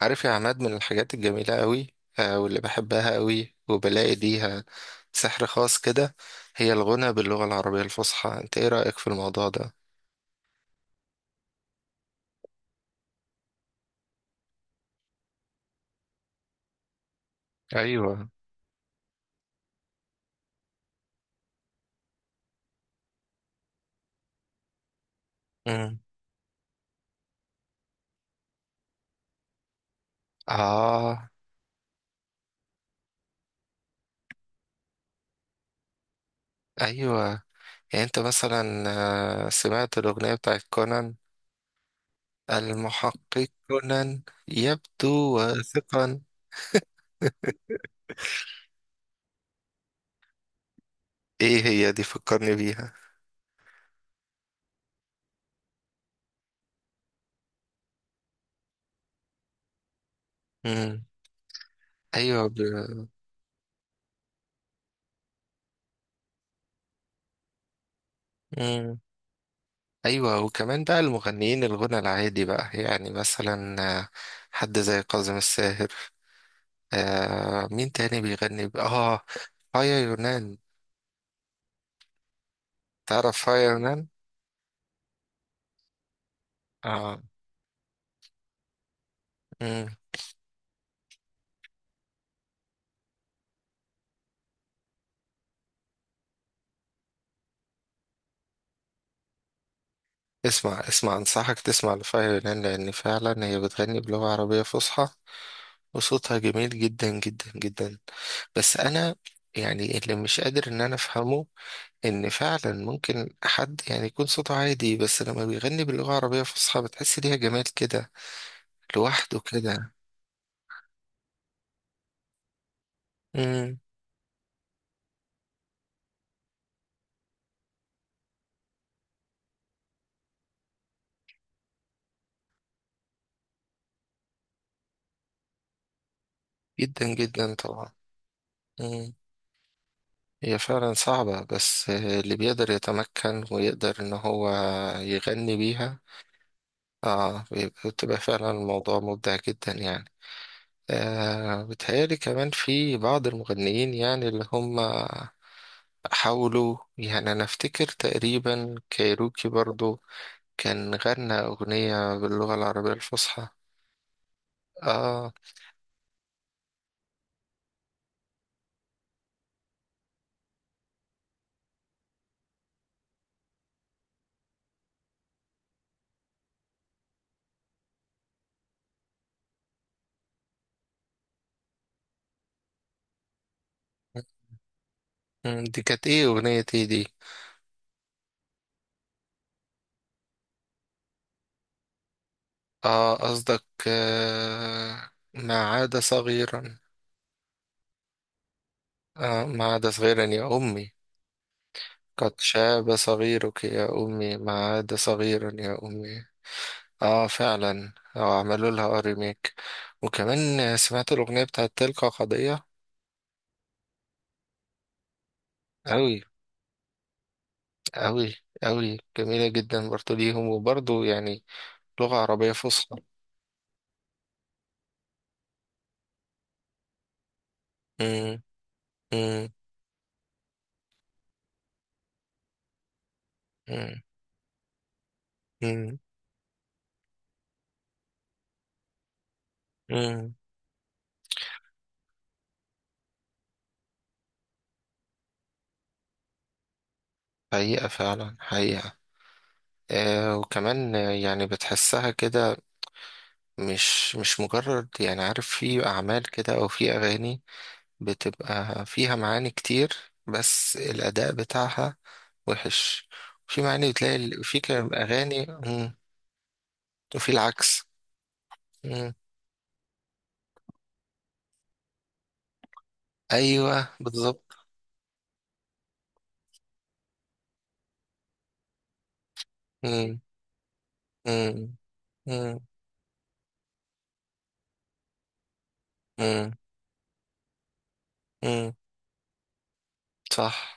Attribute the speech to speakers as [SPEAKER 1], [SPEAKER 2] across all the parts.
[SPEAKER 1] عارف يا عماد من الحاجات الجميلة قوي. واللي بحبها قوي وبلاقي ليها سحر خاص كده. هي الغنى باللغة العربية الفصحى، انت ايه رأيك في الموضوع ده؟ ايوه. مم. اه. ايوه. يعني انت مثلا سمعت الأغنية بتاعت كونان، المحقق كونان يبدو واثقا. ايه هي دي، فكرني بيها. مم. ايوه. ب... ايوه، وكمان بقى المغنيين الغنى العادي بقى، يعني مثلا حد زي كاظم الساهر. آه مين تاني بيغني بقى؟ اه، فايا يونان. تعرف فايا يونان؟ اه. مم. اسمع اسمع، انصحك تسمع لفايا يونان لان فعلا هي بتغني بلغة عربية فصحى وصوتها جميل جدا جدا جدا. بس انا يعني اللي مش قادر ان انا افهمه، ان فعلا ممكن حد يعني يكون صوته عادي بس لما بيغني باللغة العربية الفصحى بتحس ليها جمال كده لوحده كده. امم. جدا جدا طبعا. امم. هي فعلا صعبة، بس اللي بيقدر يتمكن ويقدر ان هو يغني بيها، اه بتبقى فعلا الموضوع مبدع جدا يعني. آه بتهيألي كمان في بعض المغنيين، يعني اللي هم حاولوا، يعني انا افتكر تقريبا كايروكي برضو كان غنى اغنية باللغة العربية الفصحى. اه. مم، دي كانت ايه، اغنية ايه دي؟ اه قصدك ما عاد صغيرا. آه ما عاد صغيرا يا أمي، قد شاب صغيرك يا أمي، ما عاد صغيرا يا أمي. اه فعلا، آه عملوا لها ريميك. وكمان سمعت الأغنية بتاعت تلك قضية. أوي أوي أوي، جميلة جدا برضو ليهم، وبرضو يعني لغة عربية فصحى. مم. مم. مم. مم. مم. حقيقة فعلا، حقيقة. آه وكمان يعني بتحسها كده، مش مجرد يعني، عارف، في أعمال كده أو في أغاني بتبقى فيها معاني كتير، بس الأداء بتاعها وحش. وفي معاني بتلاقي في كلام أغاني. مم. وفي العكس. مم. أيوه بالظبط. مم. مم. مم. مم. مم. صح.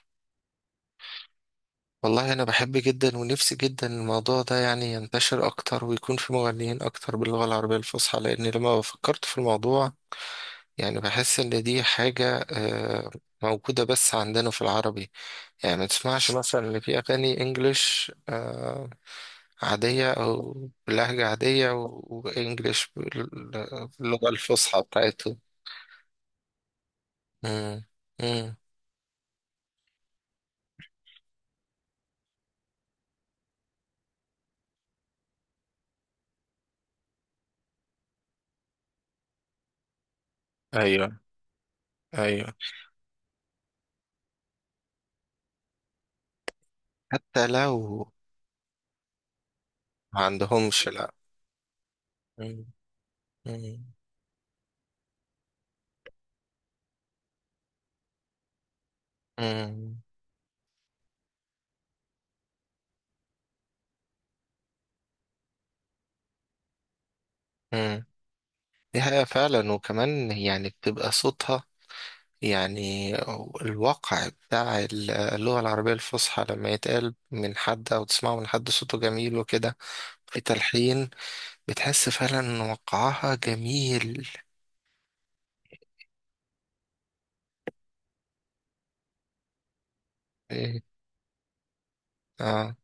[SPEAKER 1] والله أنا بحب جدا ونفسي جدا الموضوع ده يعني ينتشر أكتر ويكون في مغنيين أكتر باللغة العربية الفصحى، لأن لما فكرت في الموضوع يعني بحس ان دي حاجة موجودة بس عندنا في العربي. يعني ما تسمعش مثلا ان في اغاني انجليش عادية او بلهجة عادية، وانجليش باللغة الفصحى بتاعتهم. مم. مم. ايوه. ايوه. حتى لو ما عندهمش، لا. مم. مم. مم. مم. دي حقيقة فعلا. وكمان يعني بتبقى صوتها، يعني الواقع بتاع اللغة العربية الفصحى لما يتقال من حد أو تسمعه من حد صوته جميل وكده، في تلحين، بتحس فعلا إن وقعها جميل. إيه. آه.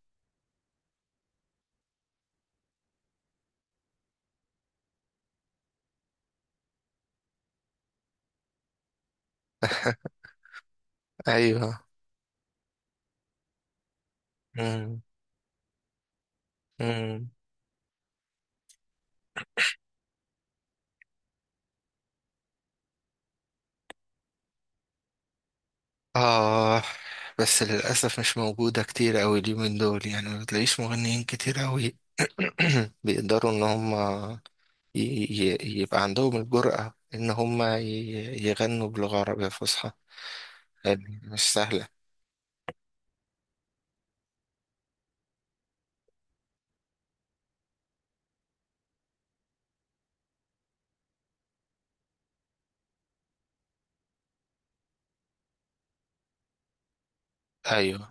[SPEAKER 1] أيوه. مم. مم. آه. بس للأسف مش موجودة كتير أوي اليومين دول، يعني ما بتلاقيش مغنيين كتير أوي بيقدروا إن هم يبقى عندهم الجرأة إن هم يغنوا بلغة عربية فصحى. يعني مش سهل. ايوه.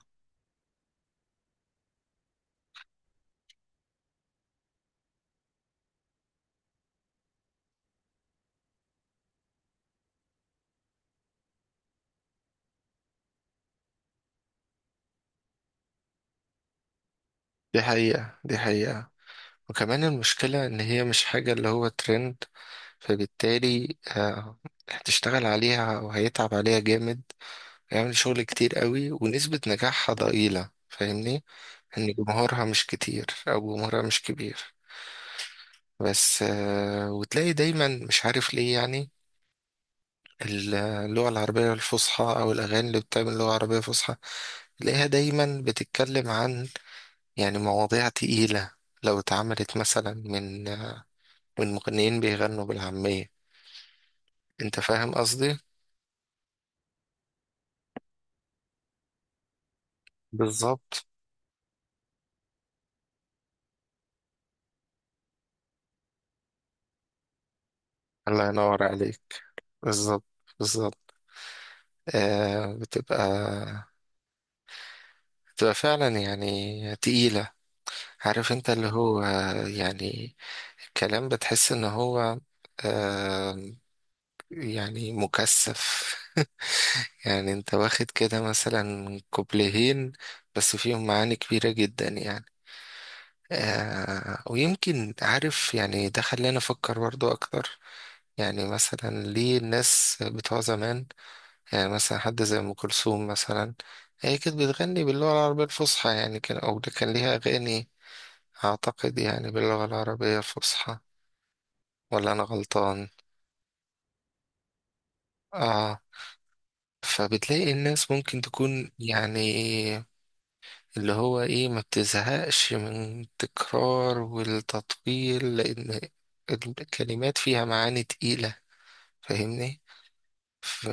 [SPEAKER 1] دي حقيقة، دي حقيقة. وكمان المشكلة ان هي مش حاجة اللي هو ترند، فبالتالي هتشتغل عليها وهيتعب عليها جامد، هيعمل شغل كتير قوي ونسبة نجاحها ضئيلة، فاهمني، ان جمهورها مش كتير او جمهورها مش كبير. بس وتلاقي دايما مش عارف ليه، يعني اللغة العربية الفصحى او الاغاني اللي بتعمل لغة عربية فصحى، تلاقيها دايما بتتكلم عن يعني مواضيع تقيلة، لو اتعملت مثلا من من مغنيين بيغنوا بالعامية. انت فاهم قصدي؟ بالظبط. الله ينور عليك. بالظبط. بالظبط. آه بتبقى، بتبقى فعلا يعني تقيلة. عارف انت اللي هو، يعني كلام بتحس ان هو، آه يعني مكثف. يعني انت واخد كده مثلا كوبليهين بس فيهم معاني كبيرة جدا يعني. آه، ويمكن عارف يعني ده خلاني أفكر برضو أكتر، يعني مثلا ليه الناس بتوع زمان، يعني مثلا حد زي أم كلثوم مثلا هي كانت بتغني باللغة العربية الفصحى، يعني كان أو ده كان ليها أغاني، أعتقد يعني باللغة العربية الفصحى، ولا أنا غلطان؟ آه. فبتلاقي الناس ممكن تكون يعني اللي هو إيه، ما بتزهقش من التكرار والتطويل، لأن الكلمات فيها معاني تقيلة، فاهمني. ف...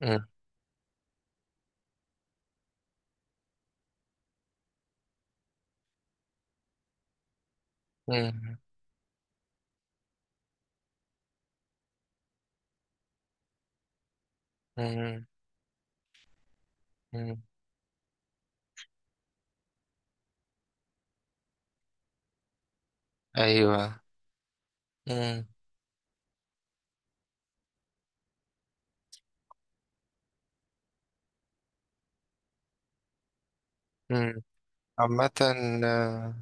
[SPEAKER 1] مم. مم. مم. مم. ايوه. مم. مم. عامة آه،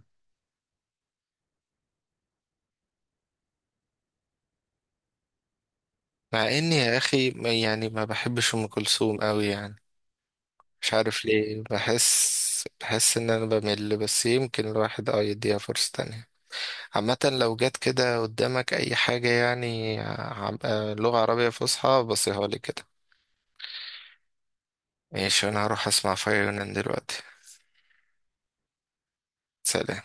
[SPEAKER 1] مع اني يا اخي يعني ما بحبش ام كلثوم قوي، يعني مش عارف ليه، بحس بحس ان انا بمل، بس يمكن الواحد اه يديها فرصة تانية. عامة لو جت كده قدامك اي حاجة يعني لغة عربية فصحى، بصيها لي كده. ماشي انا هروح اسمع فيونان دلوقتي. سلام.